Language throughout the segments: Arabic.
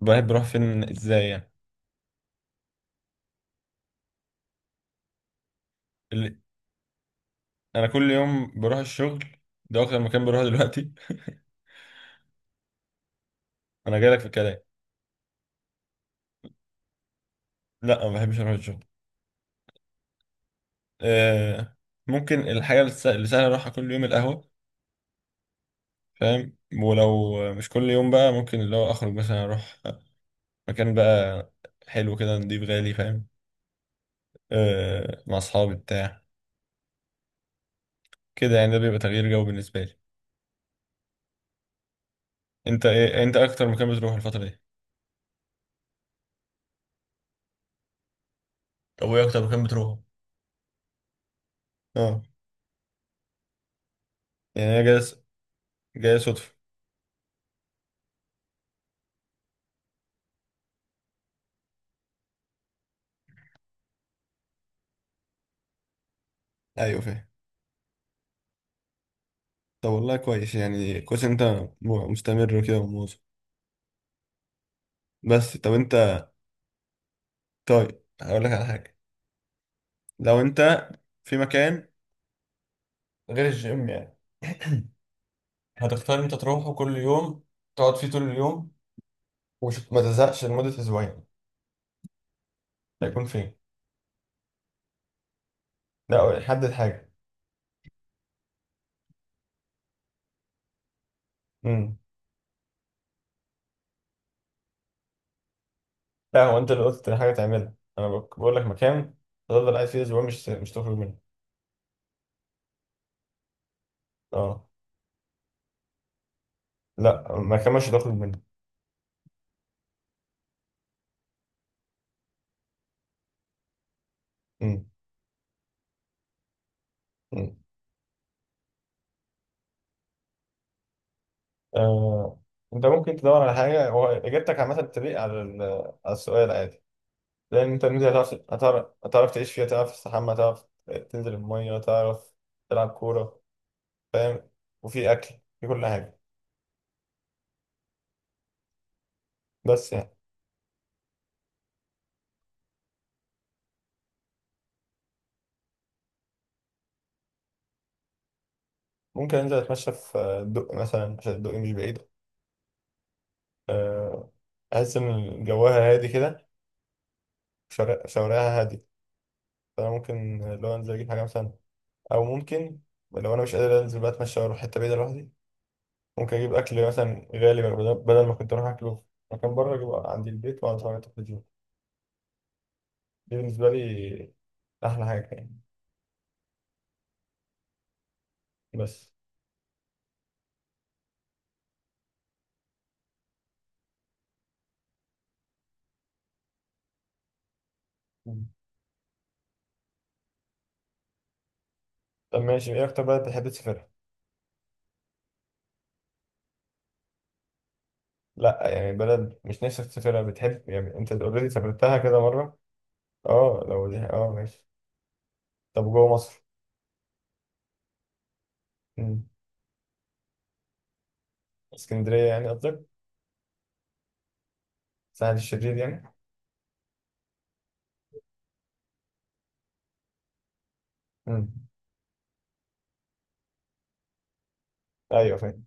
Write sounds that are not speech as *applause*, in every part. بحب بروح فين ازاي يعني. ال- انا كل يوم بروح الشغل، ده اكتر مكان بروحه دلوقتي. *laughs* انا جايلك في الكلام. لا ما بحبش اروح الشغل. آه، ممكن الحاجه اللي اللي سهله اروحها كل يوم القهوه، فاهم؟ ولو مش كل يوم بقى، ممكن اللي هو اخرج مثلا اروح مكان بقى حلو كده، نضيف، غالي، فاهم؟ آه، مع اصحابي بتاع كده يعني، ده بيبقى تغيير جو بالنسبه لي. انت ايه، انت اكتر مكان بتروح الفتره دي؟ طب وايه اكتر مكان بتروحه؟ اه، يعني انا جاي، جاي صدفه. ايوه فاهم. طب والله كويس، يعني كويس إن انت مستمر وكده ومواظب. بس طب انت، طيب هقول لك على حاجه. لو انت في مكان غير الجيم يعني، هتختار انت تروحه كل يوم، تقعد فيه طول اليوم وما تزهقش لمده اسبوعين، هيكون فين؟ لا حدد حاجه. امم. لا، هو انت اللي قلت حاجه تعملها، انا بقول لك مكان تفضل قاعد فيه اسبوعين، مش تخرج منه. اه. لا، مكان مش هتخرج منه. امم. آه، انت ممكن تدور على حاجه. هو اجابتك عامه بتليق على على السؤال عادي، لان انت الميزه هتعرف هتعرف تعيش فيها، تعرف تستحمى، تعرف تنزل الميه، تعرف تلعب كوره، فاهم؟ وفي اكل، في كل حاجه، بس يعني. ممكن انزل اتمشى في الدق مثلا، عشان الدق مش بعيد. آه، احس ان جواها هادي كده، شوارعها هادي. فانا ممكن لو انزل اجيب حاجه مثلا، او ممكن لو انا مش قادر انزل بقى اتمشى واروح حته بعيده لوحدي. ممكن اجيب اكل مثلا غالي بدل ما كنت اروح اكله في مكان بره، اجيبه عندي البيت واقعد اتفرج على التلفزيون. دي بالنسبه لي احلى حاجه يعني، بس. مم. طب ماشي، ايه اكتر بلد بتحب تسافرها؟ لا، يعني بلد مش نفسك تسافرها، بتحب يعني انت اوريدي سافرتها كده مره. اه لو دي، اه ماشي. طب جوه مصر؟ مم. اسكندريه يعني قصدك؟ سهل الشرير يعني؟ مم. ايوه فاهم.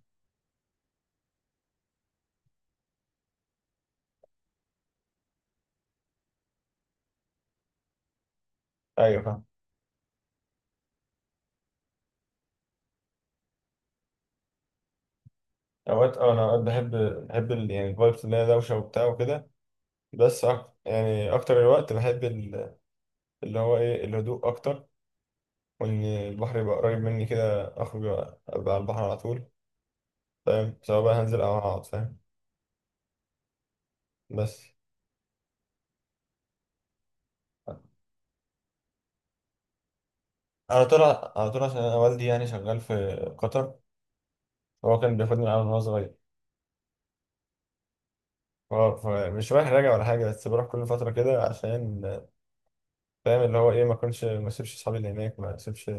ايوه فاهم. اوقات اه، انا اوقات بحب، بحب يعني الفايبس اللي هي دوشه وبتاع وكده، بس أك... يعني اكتر الوقت بحب اللي هو ايه، الهدوء اكتر، وان البحر يبقى قريب مني كده، اخرج ابقى على البحر على طول، فاهم؟ سواء بقى هنزل او هقعد، فاهم؟ بس. على طول، على طول، عشان انا والدي يعني شغال في قطر، هو كان بياخدني معاه من وانا صغير. فمش رايح راجع ولا حاجه، بس بروح كل فتره كده عشان، فاهم، اللي هو ايه، ما اكونش، ما اسيبش اصحابي اللي هناك، ما اسيبش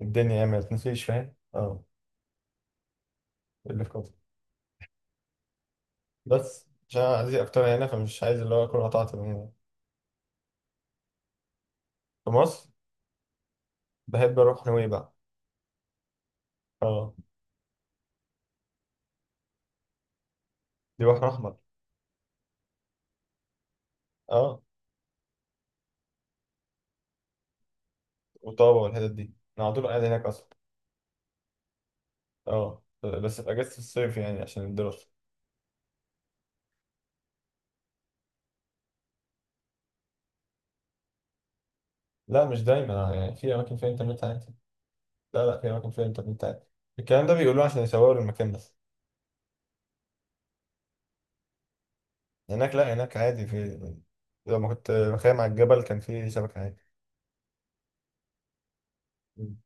الدنيا يعني، ما تنسيش، فاهم، اه. اللي في قطر. بس عشان أنا عايز اكتر هنا، فمش عايز اللي هو اكون قطعت من هنا. في مصر بحب اروح نويبع. اه. دي بحر احمر. اه، وطابة والحتت دي، انا على طول قاعد هناك اصلا. اه بس في اجازة الصيف يعني، عشان الدراسة. لا مش دايما، يعني في اماكن فيها انترنت عادي. لا لا، في اماكن فيها انترنت عادي، الكلام ده بيقولوه عشان يصوروا المكان بس. هناك لا، هناك عادي، في، لما كنت مخيم على الجبل كان في شبكة عادي. مم.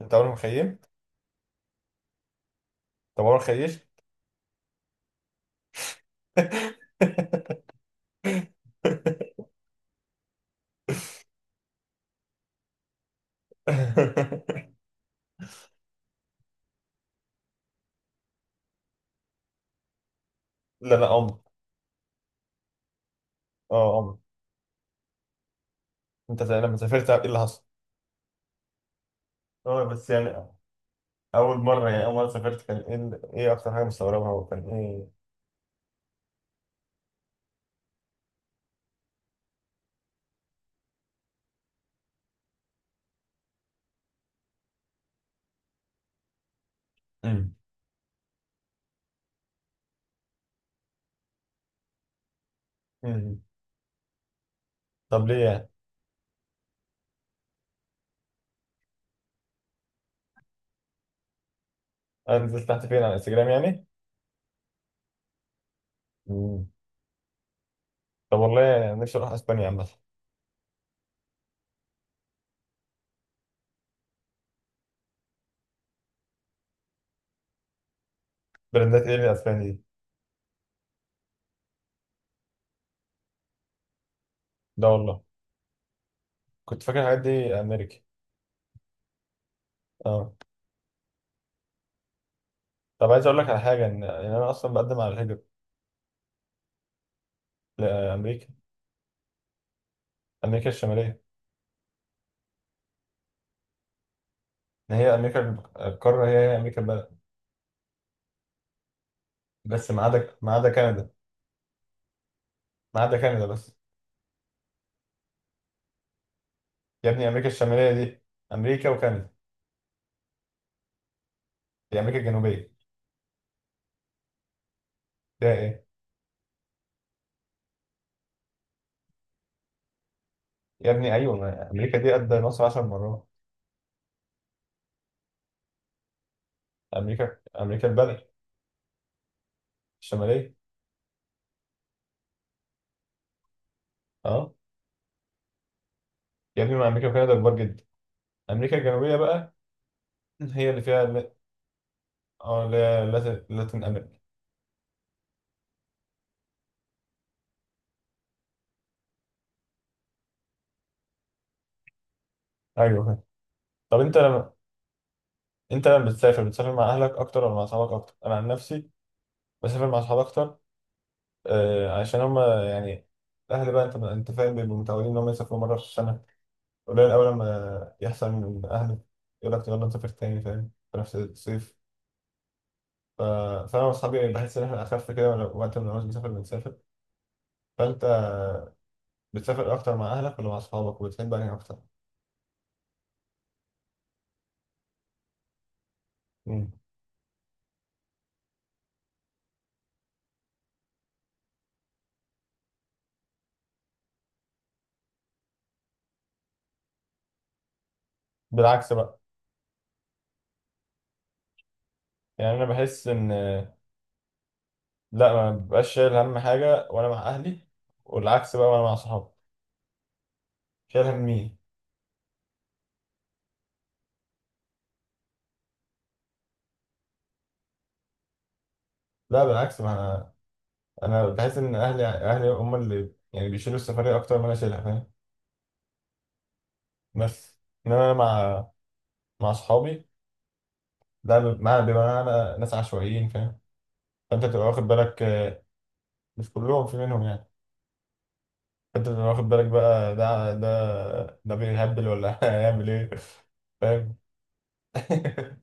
انت عمرك مخيم؟ طب عمرك خيش؟ *laughs* لا لا، عمر. اه، عمر. انت زي لما سافرت ايه اللي حصل؟ اه بس يعني، أول مرة يعني، أول مرة سافرت كان إيه إيه أكتر حاجة مستغربها وكان إيه؟ امم. مم. طب ليه يعني؟ أنا نزلت تحت فين على انستجرام يعني؟ مم. طب والله نفسي أروح أسبانيا عامة. براندات إيه اللي أسبانيا دي؟ لا والله. كنت فاكر الحاجات دي أمريكا. أه. طب عايز أقول لك على حاجة، إن أنا أصلا بقدم على الهجرة. لأمريكا. أمريكا الشمالية. إن هي أمريكا، القارة هي هي أمريكا البلد، بس ما عدا، ما عدا كندا. ما عدا كندا بس. يا ابني أمريكا الشمالية دي أمريكا وكندا. دي أمريكا الجنوبية. ده إيه؟ يا ابني ايوه، ما امريكا دي قد مصر 10 مرات. امريكا، امريكا البلد. الشماليه. اه. يا ابني ما امريكا وكندا كبار جدا. امريكا الجنوبيه بقى هي اللي فيها اه، اللي هي لاتن امريكا. ايوه فاهم. طب انت لما، انت لما بتسافر بتسافر مع اهلك اكتر ولا مع اصحابك اكتر؟ انا عن نفسي بسافر مع اصحابي اكتر، آه عشان هم يعني الاهل بقى، انت فاهم، بيبقوا متعودين ان هم يسافروا مره في السنه، قليل اول لما يحصل من اهلك يقول لك يلا نسافر تاني، فاهم، في نفس الصيف. ف- فانا واصحابي بحس ان احنا اخف كده، وقت ما بنعوز نسافر بنسافر. فانت بتسافر اكتر مع اهلك ولا مع اصحابك، وبتحب انهي اكتر؟ مم. بالعكس بقى. يعني انا بحس ان، لا ما ببقاش شايل هم حاجه وانا مع اهلي، والعكس بقى وانا مع صحابي. شايل هم مين؟ لا بالعكس، ما انا، أنا بحس ان اهلي هم اللي يعني بيشيلوا السفريه اكتر ما انا شايلها، فاهم؟ بس. انما انا مع، مع اصحابي، ده مع بيبقى معانا ناس عشوائيين، فاهم؟ فانت بتبقى واخد بالك. آه، مش كلهم، في منهم يعني، انت اللي واخد بالك بقى، ده ده بيهبل ولا *laughs* هيعمل ايه، فاهم؟ *laughs*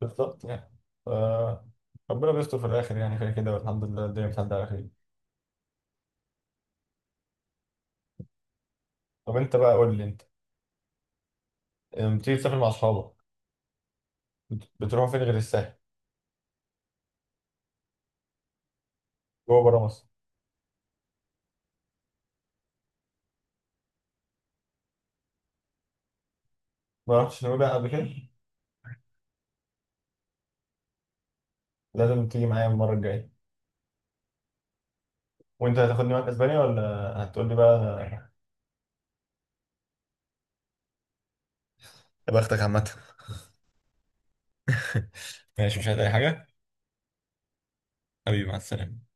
بالظبط يعني. ف- ربنا بيستر في الاخر يعني، كده كده، والحمد لله الدنيا بتعدي على خير. طب انت بقى قول لي، انت لما بتيجي تسافر مع اصحابك بتروحوا فين غير الساحل؟ جوه بره مصر. ما رحتش نويبع قبل كده؟ لازم تيجي معايا المره الجايه. وانت هتاخدني معاك اسبانيا، ولا هتقول لي بقى؟ يا بختك عامه. ماشي مش عايز اي حاجه. حبيبي مع السلامه.